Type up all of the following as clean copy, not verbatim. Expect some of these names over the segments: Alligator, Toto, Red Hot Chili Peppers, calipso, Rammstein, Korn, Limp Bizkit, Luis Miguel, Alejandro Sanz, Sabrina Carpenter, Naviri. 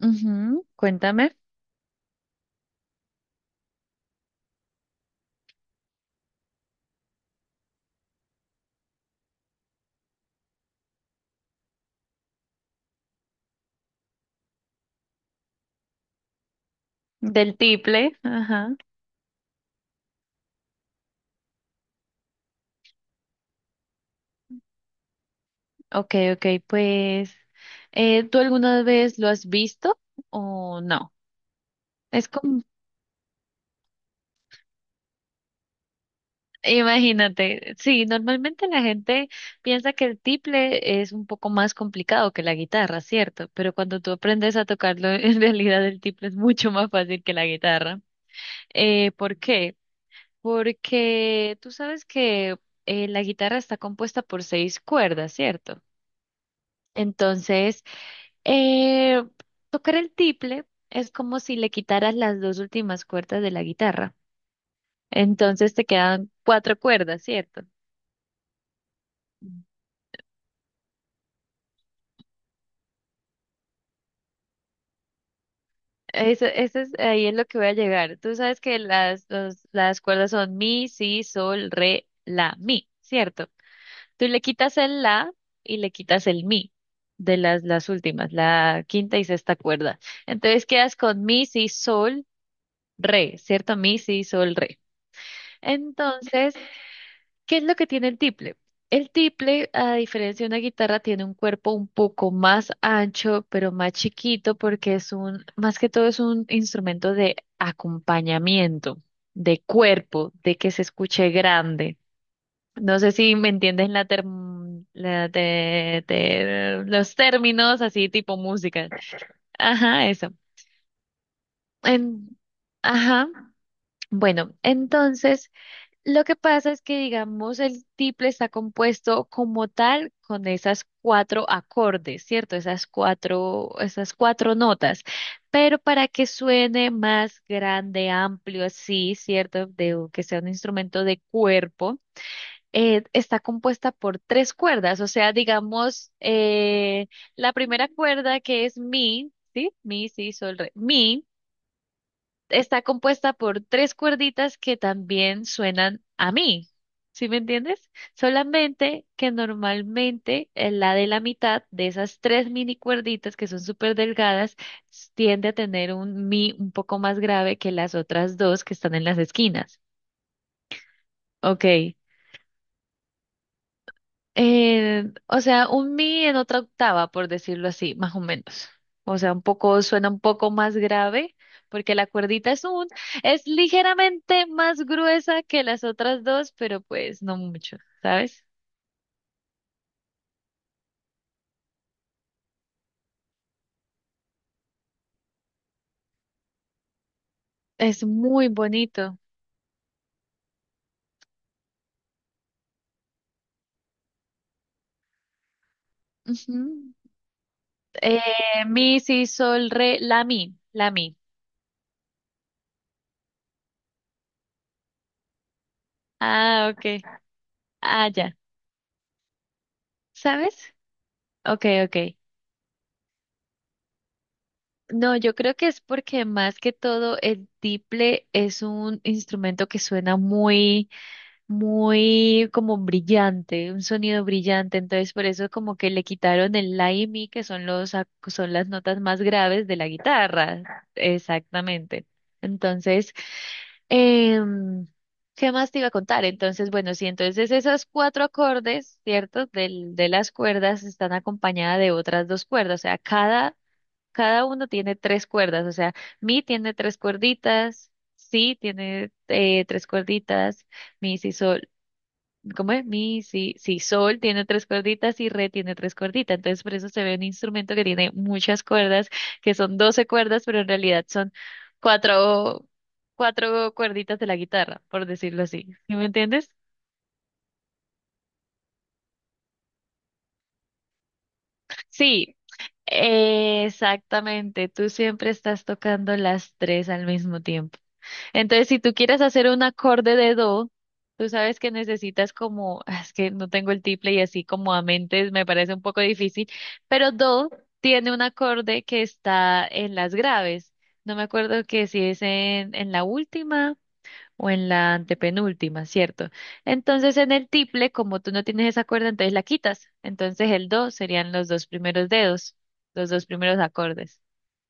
Ujú, cuéntame del tiple. Ajá. Ok, ok, pues ¿tú alguna vez lo has visto o no? Es como, imagínate, sí, normalmente la gente piensa que el tiple es un poco más complicado que la guitarra, ¿cierto? Pero cuando tú aprendes a tocarlo, en realidad el tiple es mucho más fácil que la guitarra. ¿Por qué? Porque tú sabes que la guitarra está compuesta por seis cuerdas, ¿cierto? Entonces, Eh, tocar el tiple es como si le quitaras las dos últimas cuerdas de la guitarra. Entonces te quedan cuatro cuerdas, ¿cierto? Eso es, ahí es lo que voy a llegar. Tú sabes que las cuerdas son mi, si, sol, re, la, mi, ¿cierto? Tú le quitas el la y le quitas el mi de las últimas, la quinta y sexta cuerda. Entonces quedas con mi, si, sol, re, ¿cierto? Mi, si, sol, re. Entonces, ¿qué es lo que tiene el tiple? El tiple, a diferencia de una guitarra, tiene un cuerpo un poco más ancho, pero más chiquito, porque es un, más que todo es un instrumento de acompañamiento, de cuerpo, de que se escuche grande. No sé si me entiendes la term- la te- te- los términos así tipo música. Ajá, eso. En- ajá. Bueno, entonces, lo que pasa es que, digamos, el tiple está compuesto como tal con esas cuatro acordes, ¿cierto? Esas cuatro notas. Pero para que suene más grande, amplio, así, ¿cierto? De, o que sea un instrumento de cuerpo, está compuesta por tres cuerdas. O sea, digamos, la primera cuerda que es mi, ¿sí? Mi, si, sol, re. Mi está compuesta por tres cuerditas que también suenan a mí. ¿Sí me entiendes? Solamente que normalmente la de la mitad de esas tres mini cuerditas que son súper delgadas tiende a tener un mi un poco más grave que las otras dos que están en las esquinas. Ok. O sea, un mi en otra octava, por decirlo así, más o menos. O sea, un poco, suena un poco más grave, porque la cuerdita es un, es ligeramente más gruesa que las otras dos, pero pues no mucho, ¿sabes? Es muy bonito. Ujú. Eh, mi, si, sol, re, la mi, la mi. Ah, ok. Ah, ya. ¿Sabes? Ok, ok. No, yo creo que es porque más que todo el tiple es un instrumento que suena muy, muy como brillante, un sonido brillante, entonces por eso como que le quitaron el la y mi, que son los, son las notas más graves de la guitarra, exactamente. Entonces, em, ¿qué más te iba a contar? Entonces, bueno, sí, entonces esos cuatro acordes, ¿cierto? Del, de las cuerdas están acompañadas de otras dos cuerdas, o sea, cada uno tiene tres cuerdas, o sea, mi tiene tres cuerditas, si tiene tres cuerditas, mi si sol, ¿cómo es? Mi si, si sol tiene tres cuerditas y re tiene tres cuerditas. Entonces por eso se ve un instrumento que tiene muchas cuerdas, que son 12 cuerdas, pero en realidad son cuatro, cuatro cuerditas de la guitarra, por decirlo así. ¿Sí me entiendes? Sí, exactamente. Tú siempre estás tocando las tres al mismo tiempo. Entonces, si tú quieres hacer un acorde de do, tú sabes que necesitas como, ah, es que no tengo el triple y así como a mentes me parece un poco difícil, pero do tiene un acorde que está en las graves. No me acuerdo que si es en la última o en la antepenúltima, ¿cierto? Entonces, en el triple, como tú no tienes esa cuerda, entonces la quitas. Entonces, el do serían los dos primeros dedos, los dos primeros acordes.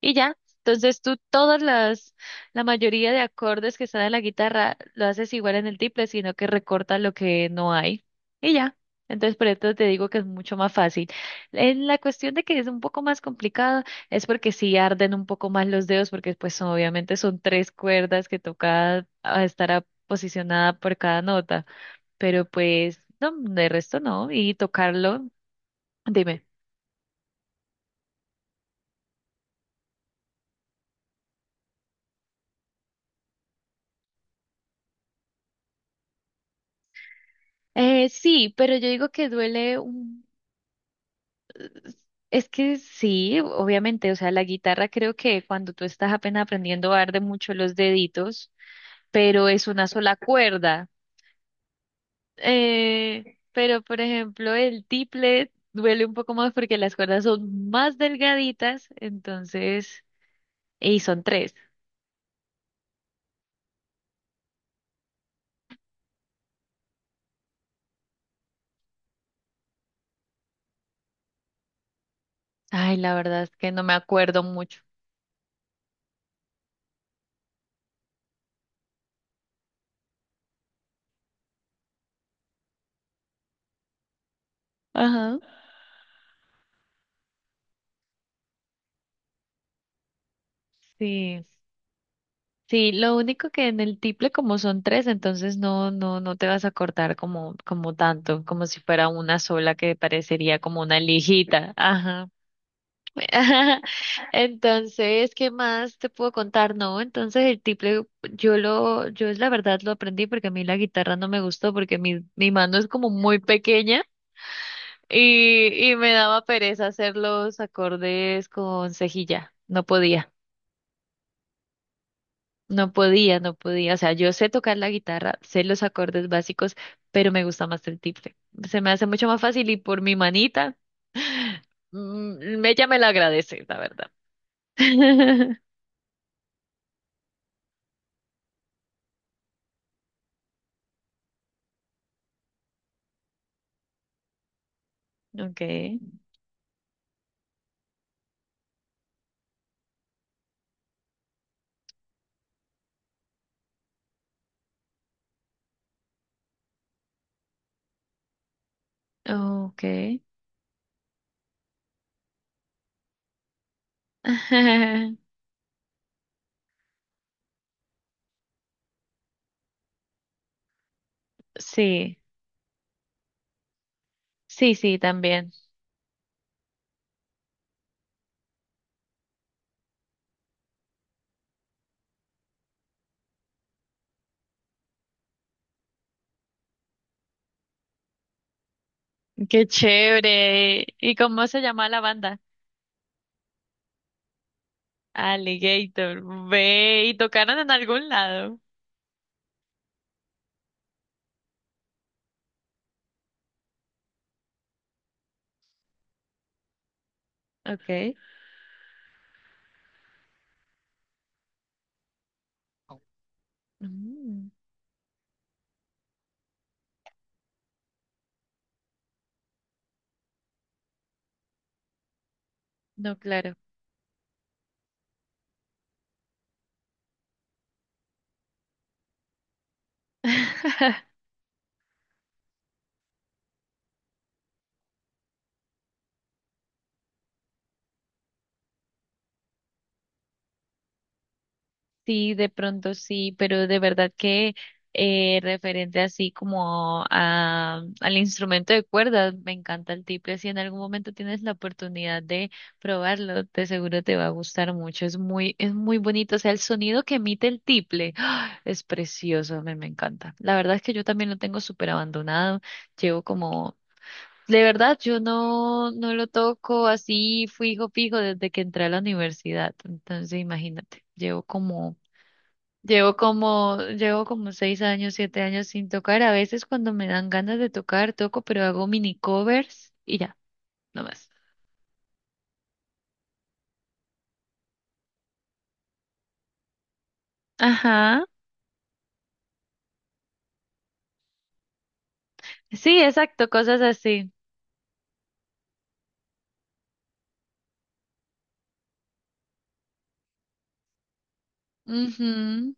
Y ya, entonces tú todas las, la mayoría de acordes que están en la guitarra lo haces igual en el tiple, sino que recortas lo que no hay. Y ya. Entonces, por esto te digo que es mucho más fácil. En la cuestión de que es un poco más complicado, es porque sí arden un poco más los dedos, porque pues obviamente son tres cuerdas que toca ah, estar posicionada por cada nota. Pero pues, no, de resto no. Y tocarlo, dime. Sí, pero yo digo que duele. Es que sí, obviamente, o sea, la guitarra creo que cuando tú estás apenas aprendiendo arde mucho los deditos, pero es una sola cuerda. Pero, por ejemplo, el tiple duele un poco más porque las cuerdas son más delgaditas, entonces, y son tres. Ay, la verdad es que no me acuerdo mucho. Ajá, sí. Sí, lo único que en el tiple como son tres, entonces no, no, no te vas a cortar como, como tanto, como si fuera una sola que parecería como una lijita. Ajá. Ajá. Entonces, ¿qué más te puedo contar? No, entonces el tiple, yo lo, yo la verdad lo aprendí porque a mí la guitarra no me gustó porque mi mano es como muy pequeña y me daba pereza hacer los acordes con cejilla. No podía. No podía, no podía. O sea, yo sé tocar la guitarra, sé los acordes básicos, pero me gusta más el tiple. Se me hace mucho más fácil y por mi manita, mm, ella me la agradece, la verdad. Okay, okay. Sí, sí, sí, también. Qué chévere. ¿Y cómo se llama la banda? Alligator. Ve, y tocaron en algún lado. Okay. Mm, no, claro. Sí, de pronto sí, pero de verdad que referente así como a, al instrumento de cuerdas, me encanta el tiple. Si en algún momento tienes la oportunidad de probarlo, de seguro te va a gustar mucho. Es muy bonito. O sea, el sonido que emite el tiple, ¡ah! Es precioso, me encanta. La verdad es que yo también lo tengo súper abandonado. Llevo como, de verdad, yo no, no lo toco así fijo, fijo desde que entré a la universidad. Entonces, imagínate, llevo como. Llevo como, llevo como 6 años, 7 años sin tocar. A veces cuando me dan ganas de tocar, toco, pero hago mini covers y ya, no más. Ajá. Sí, exacto, cosas así. Ujú.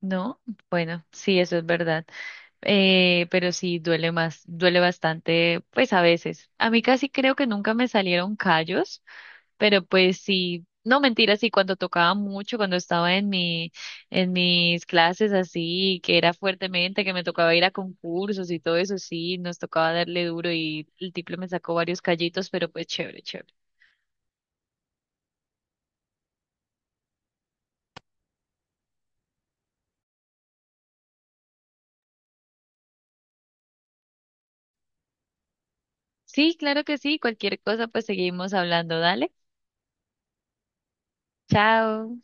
No, bueno, sí, eso es verdad. Pero sí, duele más, duele bastante, pues a veces. A mí casi creo que nunca me salieron callos. Pero pues sí, no mentira sí, cuando tocaba mucho, cuando estaba en mi, en mis clases así, que era fuertemente, que me tocaba ir a concursos y todo eso, sí, nos tocaba darle duro y el tipo me sacó varios callitos, pero pues chévere, chévere. Sí, claro que sí, cualquier cosa pues seguimos hablando, dale. Chao.